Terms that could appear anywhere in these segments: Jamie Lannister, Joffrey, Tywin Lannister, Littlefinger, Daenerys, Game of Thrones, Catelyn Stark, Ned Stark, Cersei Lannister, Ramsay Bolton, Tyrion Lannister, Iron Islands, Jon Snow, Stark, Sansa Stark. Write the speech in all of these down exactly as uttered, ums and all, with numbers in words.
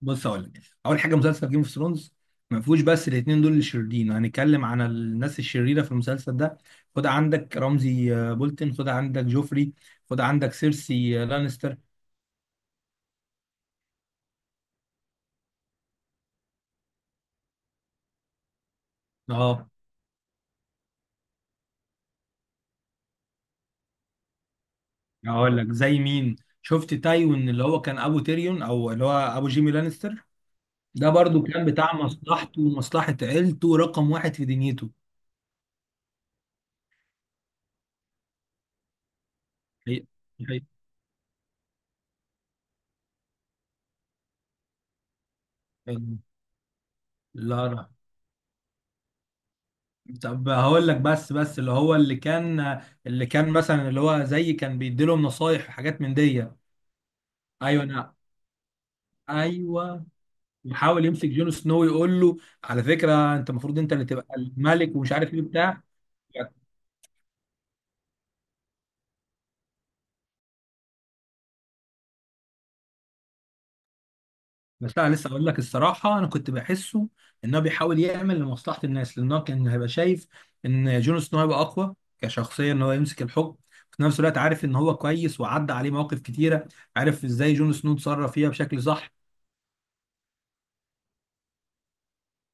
بص اقول لك اول حاجه مسلسل جيم اوف ثرونز ما فيهوش، بس الاثنين دول الشريرين. هنتكلم عن الناس الشريره في المسلسل ده. خد عندك رمزي آه، بولتن، خد عندك جوفري، خد عندك سيرسي آه، لانستر. اه، هقول لك زي مين. شفت تايوين اللي هو كان ابو تيريون او اللي هو ابو جيمي لانستر؟ ده برضو كان بتاع مصلحته ومصلحه عيلته رقم واحد في دنيته. هي- هي- لا لا. طب هقول لك، بس بس اللي هو اللي كان اللي كان مثلا اللي هو زي كان بيديلهم نصايح وحاجات من دي. ايوه انا، ايوه، بيحاول يمسك جون سنو يقول له على فكره انت المفروض انت اللي تبقى الملك ومش عارف ايه بتاع. بس انا لسه اقول لك الصراحه، انا كنت بحسه ان هو بيحاول يعمل لمصلحه الناس، لان هو كان هيبقى شايف ان جون سنو هيبقى اقوى كشخصيه ان هو يمسك الحكم. في نفس الوقت عارف ان هو كويس، وعدى عليه مواقف كتيره عارف ازاي جون سنو اتصرف فيها بشكل صح.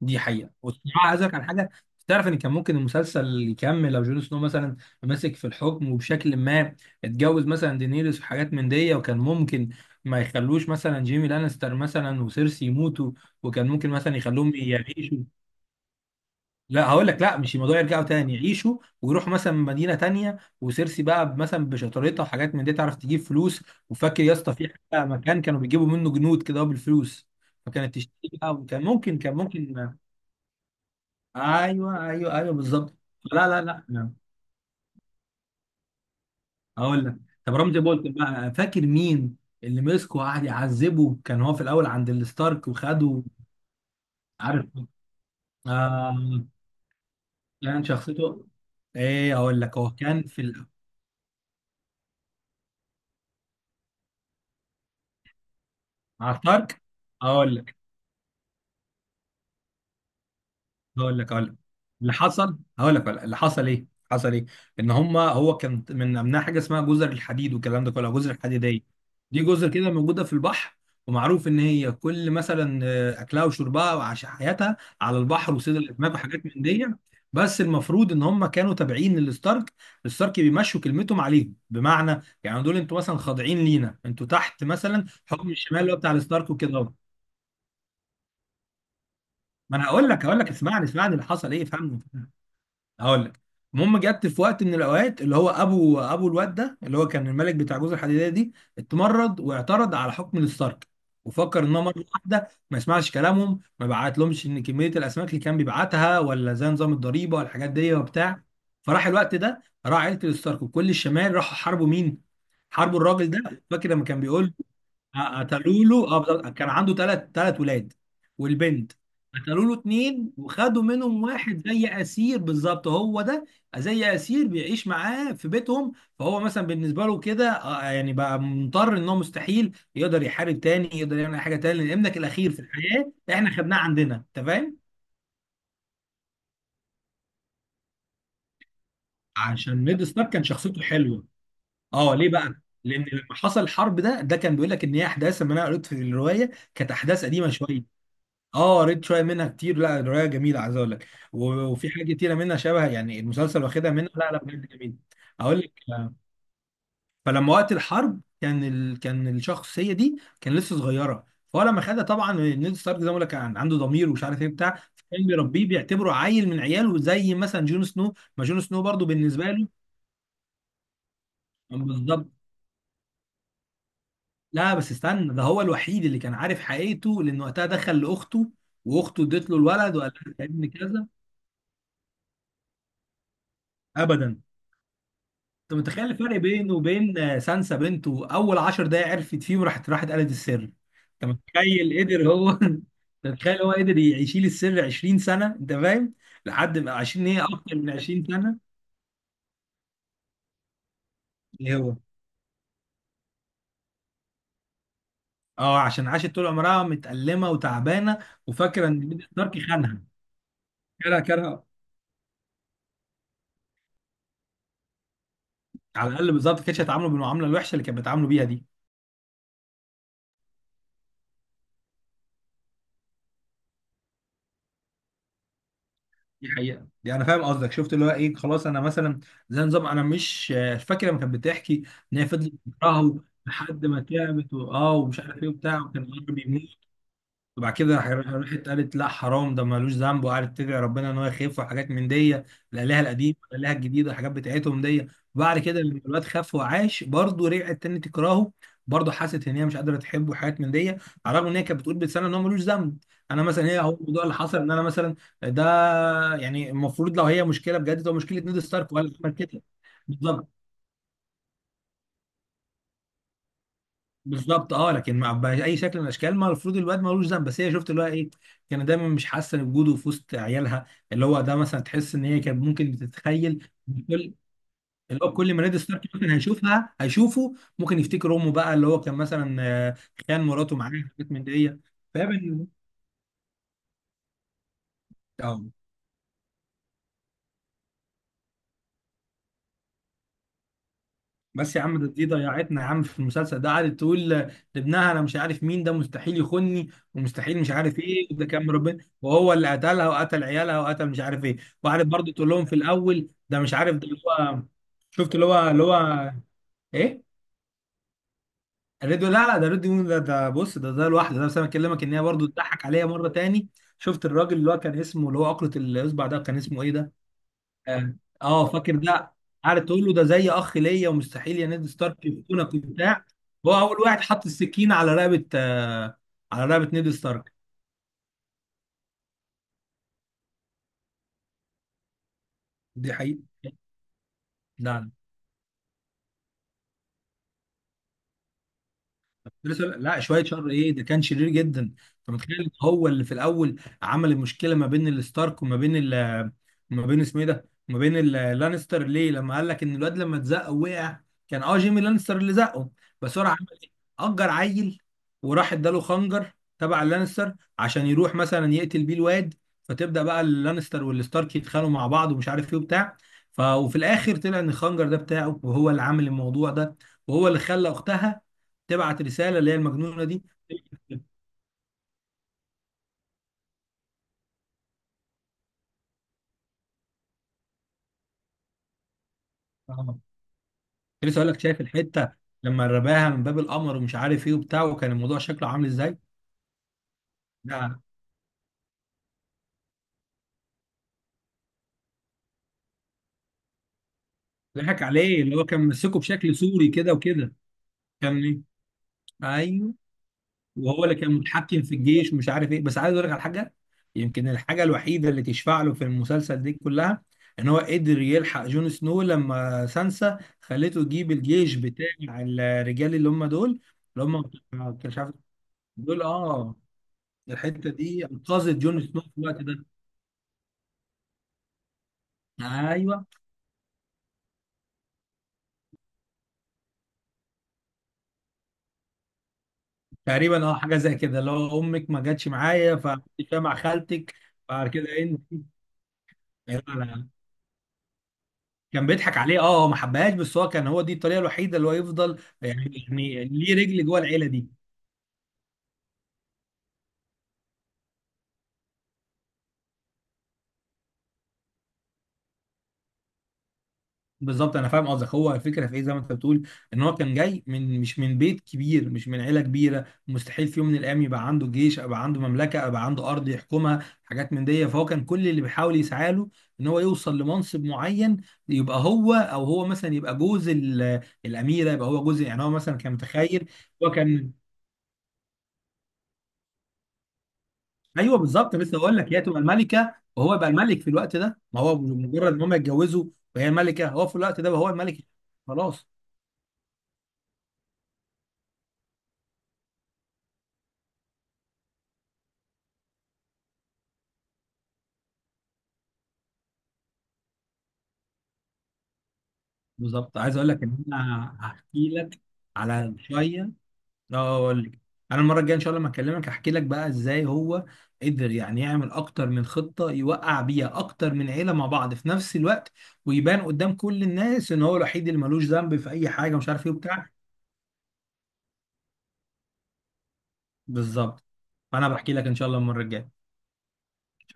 دي حقيقة، والصراحة عايز أقولك على حاجة. تعرف إن كان ممكن المسلسل يكمل لو جون سنو مثلا مسك في الحكم، وبشكل ما اتجوز مثلا دينيريس وحاجات من دي، وكان ممكن ما يخلوش مثلا جيمي لانستر مثلا وسيرسي يموتوا، وكان ممكن مثلا يخلوهم يعيشوا. لا هقول لك، لا مش الموضوع يرجعوا تاني، يعيشوا ويروحوا مثلا مدينة تانية، وسيرسي بقى مثلا بشطارتها وحاجات من دي تعرف تجيب فلوس. وفاكر يا اسطى في حتة مكان كانوا بيجيبوا منه جنود كده بالفلوس؟ فكانت تشتري بقى. وكان ممكن، كان ممكن. ايوه ايوه ايوه بالظبط. لا لا لا لا. اقول لك، طب رمزي بولتن بقى، فاكر مين اللي مسكه وقعد يعذبه؟ كان هو في الاول عند الستارك وخده. عارف آه كان شخصيته ايه؟ اقول لك، هو كان في ال- مع ستارك. اقول لك، هقول لك هقول لك اللي حصل. هقول لك اللي حصل ايه. حصل ايه؟ ان هما هو كان من امنها حاجه اسمها جزر الحديد والكلام ده كله، أو جزر الحديديه. دي جزر كده موجوده في البحر، ومعروف ان هي كل مثلا آه، اكلها وشربها وعاش حياتها على البحر وصيد الاسماك وحاجات من دي. بس المفروض ان هم كانوا تابعين للستارك. الستارك بيمشوا كلمتهم عليهم، بمعنى يعني دول انتوا مثلا خاضعين لينا، انتوا تحت مثلا حكم الشمال اللي هو بتاع الستارك وكده. ما انا هقول لك، هقول لك اسمعني اسمعني اللي حصل ايه فهمني. هقول لك، المهم جت في وقت من الاوقات اللي هو ابو ابو الواد ده اللي هو كان الملك بتاع جوز الحديديه دي، اتمرد واعترض على حكم الستارك، وفكر ان هو مره واحده ما يسمعش كلامهم ما بعتلهمش ان كميه الاسماك اللي كان بيبعتها ولا زي نظام الضريبه والحاجات دي وبتاع. فراح الوقت ده راح عيله الستارك وكل الشمال راحوا حاربوا مين؟ حاربوا الراجل ده. فاكر لما كان بيقول، آه، قتلوا له، اه بالظبط. كان عنده ثلاث ثلاث ولاد والبنت. قتلوا له اتنين، وخدوا منهم واحد زي اسير. بالظبط هو ده، زي اسير بيعيش معاه في بيتهم. فهو مثلا بالنسبه له كده آه، يعني بقى مضطر، ان هو مستحيل يقدر يحارب تاني، يقدر يعمل اي حاجه تاني، لان ابنك الاخير في الحياه احنا خدناه عندنا، انت فاهم؟ عشان نيد ستارك كان شخصيته حلوه. اه ليه بقى؟ لان لما حصل الحرب ده، ده كان بيقول لك ان هي احداث، لما انا قريت في الروايه كانت احداث قديمه شويه. اه قريت شويه منها كتير، لا روايه جميله عايز اقول لك، و- وفي حاجات كتيره منها شبه يعني المسلسل واخدها منها. لا لا بجد جميل. اقول لك آه، فلما وقت الحرب كان ال... كان الشخصيه دي كان لسه صغيره، فهو لما خدها طبعا نيد ستارك زي ما بقول لك كان عنده ضمير ومش عارف ايه بتاع. كان بيربيه بيعتبره عيل من عياله، زي مثلا جون سنو، ما جون سنو برضو بالنسبه له. بالظبط. لا بس استنى، ده هو الوحيد اللي كان عارف حقيقته، لان وقتها دخل لاخته واخته ادت له الولد، وقال لها ده ابن كذا. ابدا. انت متخيل الفرق بينه وبين آه، سانسا بنته؟ اول 10 دقايق عرفت فيه، وراحت، راحت قالت السر. انت متخيل قدر هو انت متخيل هو قدر يشيل السر 20 سنه؟ انت فاهم، لحد ما عشرين، ايه اكتر من 20 سنه. ايه هو؟ اه عشان عاشت طول عمرها متألمه وتعبانه، وفاكره ان ميديا ستارك خانها. كره كره. على الاقل بالظبط ما كانتش هتعامله بالمعامله الوحشه اللي كانت بتعامله بيها دي. دي حقيقة، دي انا فاهم قصدك. شفت اللي هو ايه؟ خلاص، انا مثلا زي نظام انا مش آه، فاكره لما كانت بتحكي، ان هي فضلت تكرهه لحد ما تعبت و- اه، ومش عارف ايه وبتاع، وكان قلبه بيموت. وبعد كده راح- راحت قالت لا حرام، ده ملوش ذنب، وقعدت تدعي ربنا ان هو يخف وحاجات من دي. الالهه القديمه، الالهه الجديده، الحاجات بتاعتهم دي. وبعد كده لما الواد خف وعاش، برضه رجعت تاني تكرهه. برضه حست ان هي مش قادره تحبه وحاجات من دي، على الرغم ان هي كانت بتقول بلسانها ان هو ملوش ذنب. انا مثلا هي، هو الموضوع اللي حصل ان انا مثلا، ده يعني المفروض لو هي مشكله بجد، تبقى مشكله نيد ستارك ولا عمل كده. بالظبط بالظبط اه. لكن مع باي شكل من الاشكال، ما المفروض الواد ملوش ذنب. بس هي شفت اللي هو ايه، كان دايما مش حاسه بوجوده في وسط عيالها. اللي هو ده مثلا تحس ان هي كانت ممكن بتتخيل كل اللي هو كل ما نيد ستارك مثلا هيشوفها هيشوفه، ممكن يفتكر امه، بقى اللي هو كان مثلا آه، خان مراته معاه، حاجات من دي. فاهم؟ بس يا عم ده، دي ضيعتنا يا عم في المسلسل ده. قعدت تقول لابنها انا مش عارف مين ده مستحيل يخوني، ومستحيل مش عارف ايه، وده كان ربنا، وهو اللي قتلها وقتل عيالها وقتل مش عارف ايه. وقعدت برضه تقول لهم في الاول ده مش عارف، ده اللي هو. شفت اللي هو اللي هو ايه؟ الريديو؟ لا لا، ده الريديو ده، ده بص، ده ده لوحده. ده بس انا بكلمك، ان هي برضه تضحك عليا مره تاني. شفت الراجل اللي هو كان اسمه اللي هو عقلة الاصبع ده، كان اسمه ايه ده؟ اه آه، فاكر ده؟ قعدت تقول له ده زي اخ ليا، ومستحيل يا نيد ستارك يفتونك وبتاع. هو اول واحد حط السكين على رقبه، آه على رقبه نيد ستارك. دي حقيقه. لا كنت لسه، لا شويه شر ايه ده، كان شرير جدا. انت متخيل إن هو اللي في الاول عمل المشكله ما بين الستارك وما بين ال، ما بين اسمه ايه ده، ما بين اللانستر؟ ليه لما قال لك ان الواد لما اتزق وقع، كان اه جيمي لانستر اللي زقه، بس هو راح عمل ايه؟ اجر عيل وراح اداله خنجر تبع اللانستر عشان يروح مثلا يقتل بيه الواد، فتبدا بقى اللانستر والستارك يتخانقوا مع بعض ومش عارف ايه وبتاع. ف وفي الاخر طلع ان الخنجر ده بتاعه، وهو اللي عامل الموضوع ده، وهو اللي خلى اختها تبعت رساله اللي هي المجنونه دي. آه. لسه اقول لك، شايف الحته لما رماها من باب القمر ومش عارف ايه وبتاع، وكان الموضوع شكله عامل ازاي؟ ده ضحك عليه اللي هو كان ممسكه بشكل سوري كده وكده. كان ايه؟ ايوه. وهو اللي كان متحكم في الجيش ومش عارف ايه. بس عايز اقول لك على حاجه، يمكن الحاجه الوحيده اللي تشفع له في المسلسل دي كلها، ان هو قدر يلحق جون سنو لما سانسا خلته يجيب الجيش بتاع الرجال اللي هم دول، اللي هم كانوا، مش عارف دول اه. الحته دي انقذت جون سنو في الوقت ده. ايوه، تقريبا اه، حاجه زي كده. لو امك ما جاتش معايا فكنت مع خالتك. بعد كده انت، لا لا. كان بيضحك عليه، اه هو ما حبهاش، بس هو كان، هو دي الطريقه الوحيده اللي هو يفضل يعني، يعني ليه رجل جوه العيله دي. بالظبط انا فاهم قصدك. هو الفكره في ايه؟ زي ما انت بتقول ان هو كان جاي من، مش من بيت كبير، مش من عيله كبيره، مستحيل في يوم من الايام يبقى عنده جيش، يبقى عنده مملكه، يبقى عنده ارض يحكمها حاجات من دي. فهو كان كل اللي بيحاول يسعى له، ان هو يوصل لمنصب معين، يبقى هو، او هو مثلا يبقى جوز ال- الاميره، يبقى هو جوز، يعني هو مثلا كان متخيل. هو كان، ايوه بالظبط. لسه اقول لك، هي تبقى الملكه وهو يبقى الملك في الوقت ده، ما هو مجرد ان هم يتجوزوا، وهي الملكه، هو في الوقت ده بقى هو الملك. خلاص. بالظبط. عايز اقول لك ان انا هحكي لك على شويه. اه اقول لك، انا المره الجايه ان شاء الله لما اكلمك هحكي لك بقى ازاي هو قدر يعني يعمل اكتر من خطه، يوقع بيها اكتر من عيله مع بعض في نفس الوقت، ويبان قدام كل الناس ان هو الوحيد اللي ملوش ذنب في اي حاجه مش عارف ايه وبتاع. بالظبط. فانا بحكي لك ان شاء الله المره الجايه.